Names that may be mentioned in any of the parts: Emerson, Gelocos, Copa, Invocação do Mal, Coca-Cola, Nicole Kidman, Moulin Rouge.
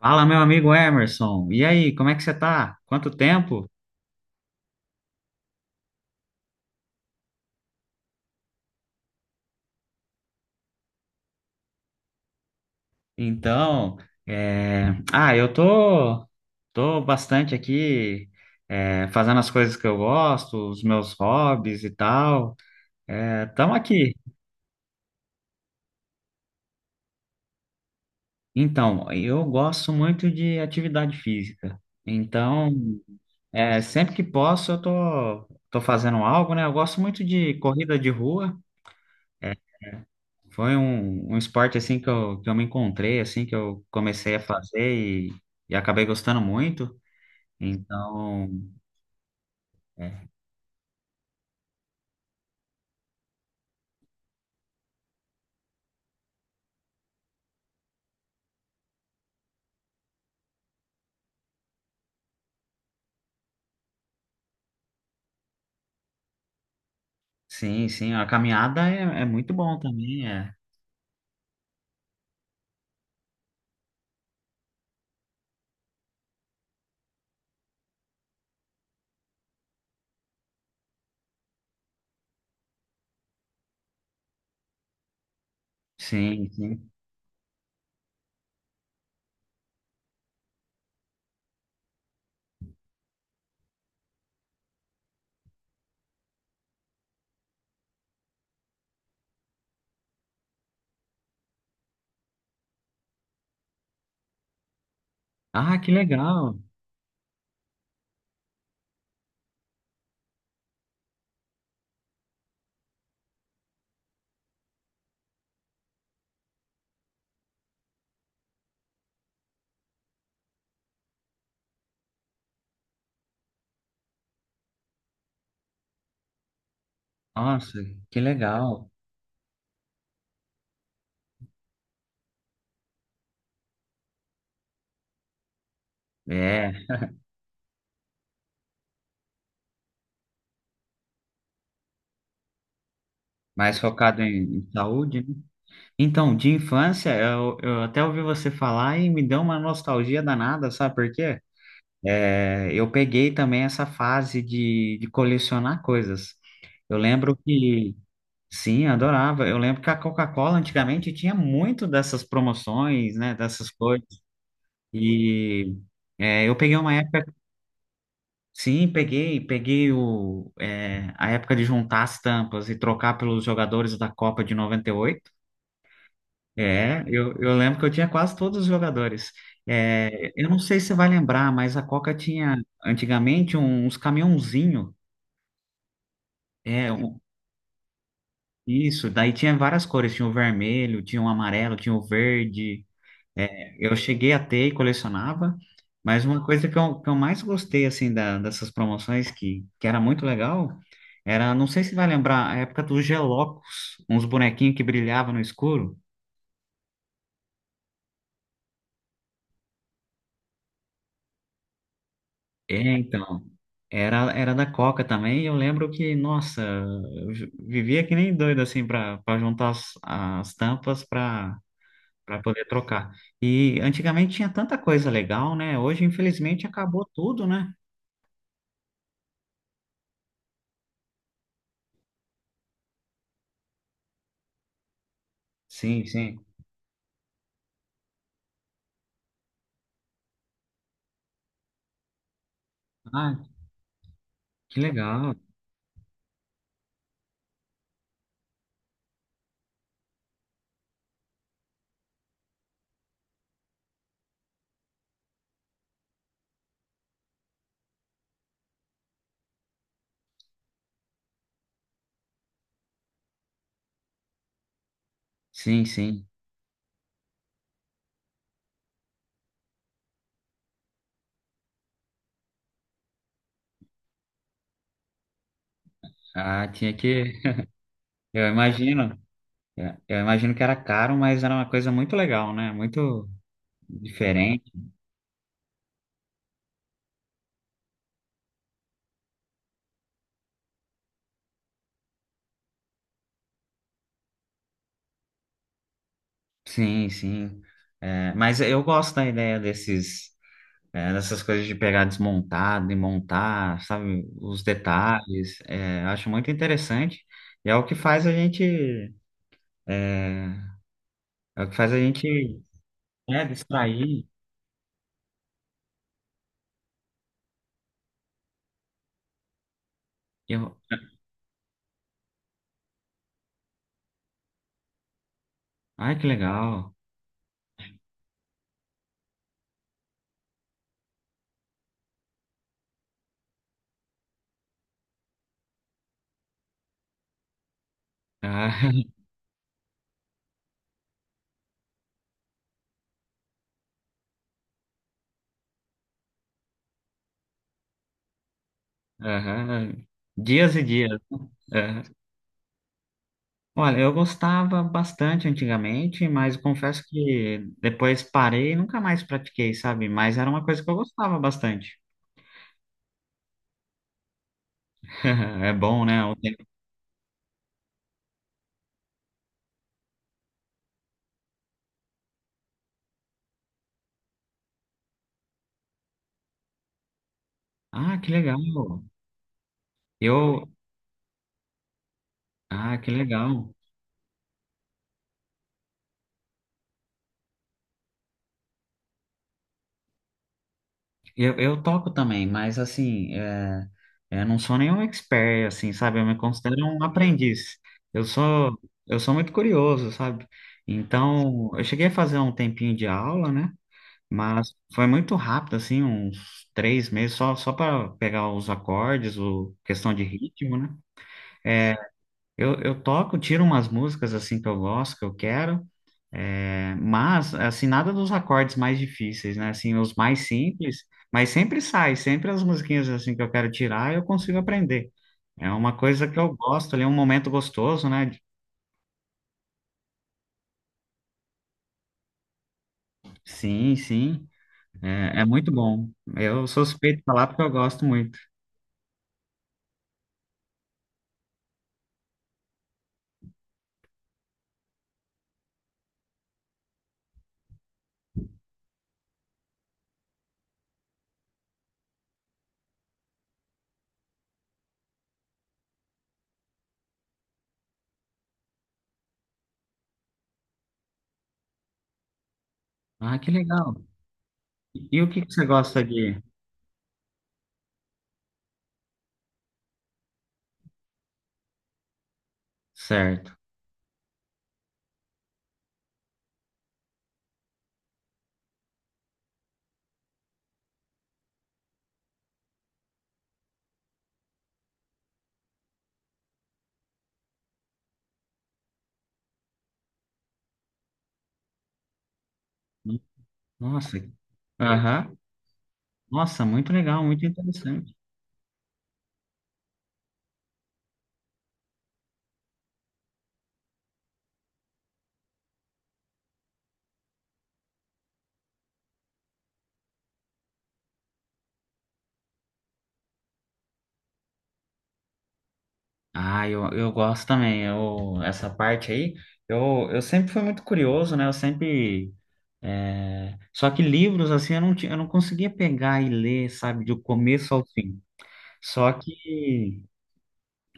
Fala, meu amigo Emerson. E aí, como é que você tá? Quanto tempo? Então, é... ah, eu tô bastante aqui, fazendo as coisas que eu gosto, os meus hobbies e tal. É, tamo aqui. Então, eu gosto muito de atividade física. Então, sempre que posso, eu tô fazendo algo, né? Eu gosto muito de corrida de rua. Foi um esporte assim que eu me encontrei, assim, que eu comecei a fazer e, e acabei gostando muito. Então, é, sim, sim, a caminhada é muito bom também, é. Sim, sim. Ah, que legal! Nossa, que legal! É, mais focado em saúde, né? Então, de infância, eu até ouvi você falar e me deu uma nostalgia danada, sabe por quê? É, eu peguei também essa fase de colecionar coisas. Eu lembro que, sim, adorava. Eu lembro que a Coca-Cola antigamente tinha muito dessas promoções, né, dessas coisas. E eu peguei uma época, sim, peguei a época de juntar as tampas e trocar pelos jogadores da Copa de noventa e oito. É, eu lembro que eu tinha quase todos os jogadores. É, eu não sei se você vai lembrar, mas a Coca tinha antigamente uns caminhãozinhos. É, o- isso. Daí tinha várias cores. Tinha o vermelho, tinha o amarelo, tinha o verde. É, eu cheguei a ter e colecionava. Mas uma coisa que eu mais gostei, assim, dessas promoções, que era muito legal, era, não sei se vai lembrar, a época dos Gelocos, uns bonequinhos que brilhavam no escuro. É, então, era da Coca também, e eu lembro que, nossa, vivia que nem doido, assim, para juntar as tampas para poder trocar. E antigamente tinha tanta coisa legal, né? Hoje, infelizmente, acabou tudo, né? Sim, sim. Ah, que legal. Sim, sim. Ah, tinha que. Eu imagino. Eu imagino que era caro, mas era uma coisa muito legal, né? Muito diferente. Sim, sim. É, mas eu gosto da ideia dessas coisas de pegar desmontado e montar, sabe? Os detalhes. É, eu acho muito interessante. E é o que faz a gente, é é o que faz a gente É, distrair. Eu... Ai, que legal. Ah, aham. Dias e dias. Aham. Olha, eu gostava bastante antigamente, mas confesso que depois parei e nunca mais pratiquei, sabe? Mas era uma coisa que eu gostava bastante. É bom, né? Ah, que legal. Eu. Ah, que legal. Eu toco também, mas assim, eu não sou nenhum expert, assim, sabe? Eu me considero um aprendiz. Eu sou, eu sou muito curioso, sabe? Então, eu cheguei a fazer um tempinho de aula, né? Mas foi muito rápido, assim, uns 3 meses, só para pegar os acordes, o questão de ritmo, né? Eu toco, tiro umas músicas, assim, que eu gosto, que eu quero, mas, assim, nada dos acordes mais difíceis, né? Assim, os mais simples, mas sempre sai, sempre as musiquinhas, assim, que eu quero tirar, eu consigo aprender. É uma coisa que eu gosto ali, é um momento gostoso, né? Sim, sim, é muito bom. Eu sou suspeito de falar porque eu gosto muito. Ah, que legal. E o que que você gosta de... Certo. Nossa, aham. Nossa, muito legal, muito interessante. Ah, eu gosto também. Essa parte aí, eu sempre fui muito curioso, né? Eu sempre. Só que livros, assim, eu não conseguia pegar e ler, sabe, do começo ao fim. Só que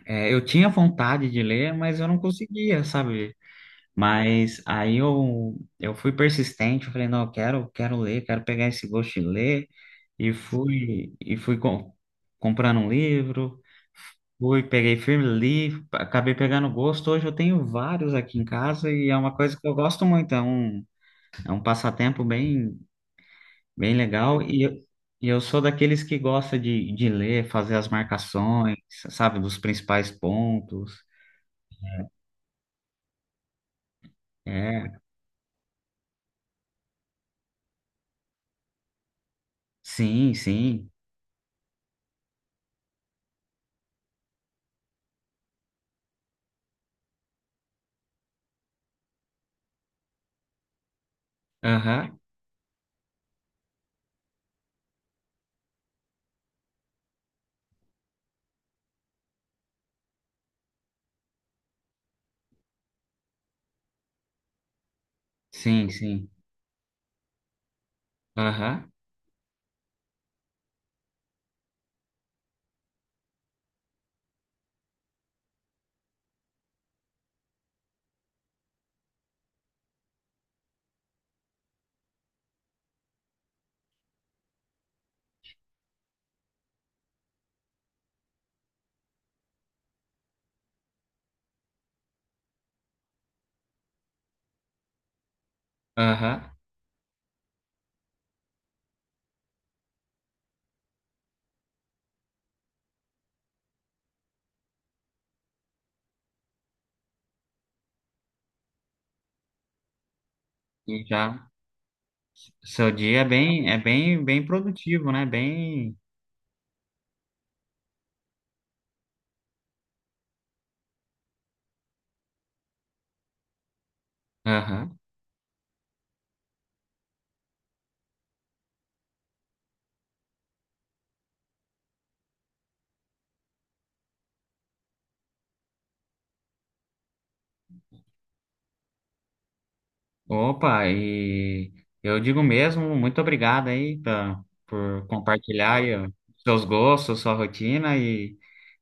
é, eu tinha vontade de ler, mas eu não conseguia, sabe? Mas aí eu fui persistente, eu falei, não, eu quero, quero ler, quero pegar esse gosto de ler, e fui comprando um livro, fui, peguei firme, li, acabei pegando gosto, hoje eu tenho vários aqui em casa, e é uma coisa que eu gosto muito, é um passatempo bem, bem legal, e eu sou daqueles que gosta de ler, fazer as marcações, sabe, dos principais pontos, é, sim, sim, aham, sim, sim. Aham, aham. E já seu dia é bem, bem produtivo, né? Bem. Aham. Opa, e eu digo mesmo, muito obrigado aí tá, por compartilhar aí, ó, seus gostos, sua rotina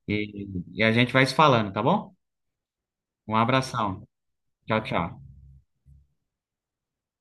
e, e a gente vai se falando, tá bom? Um abração. Tchau, tchau.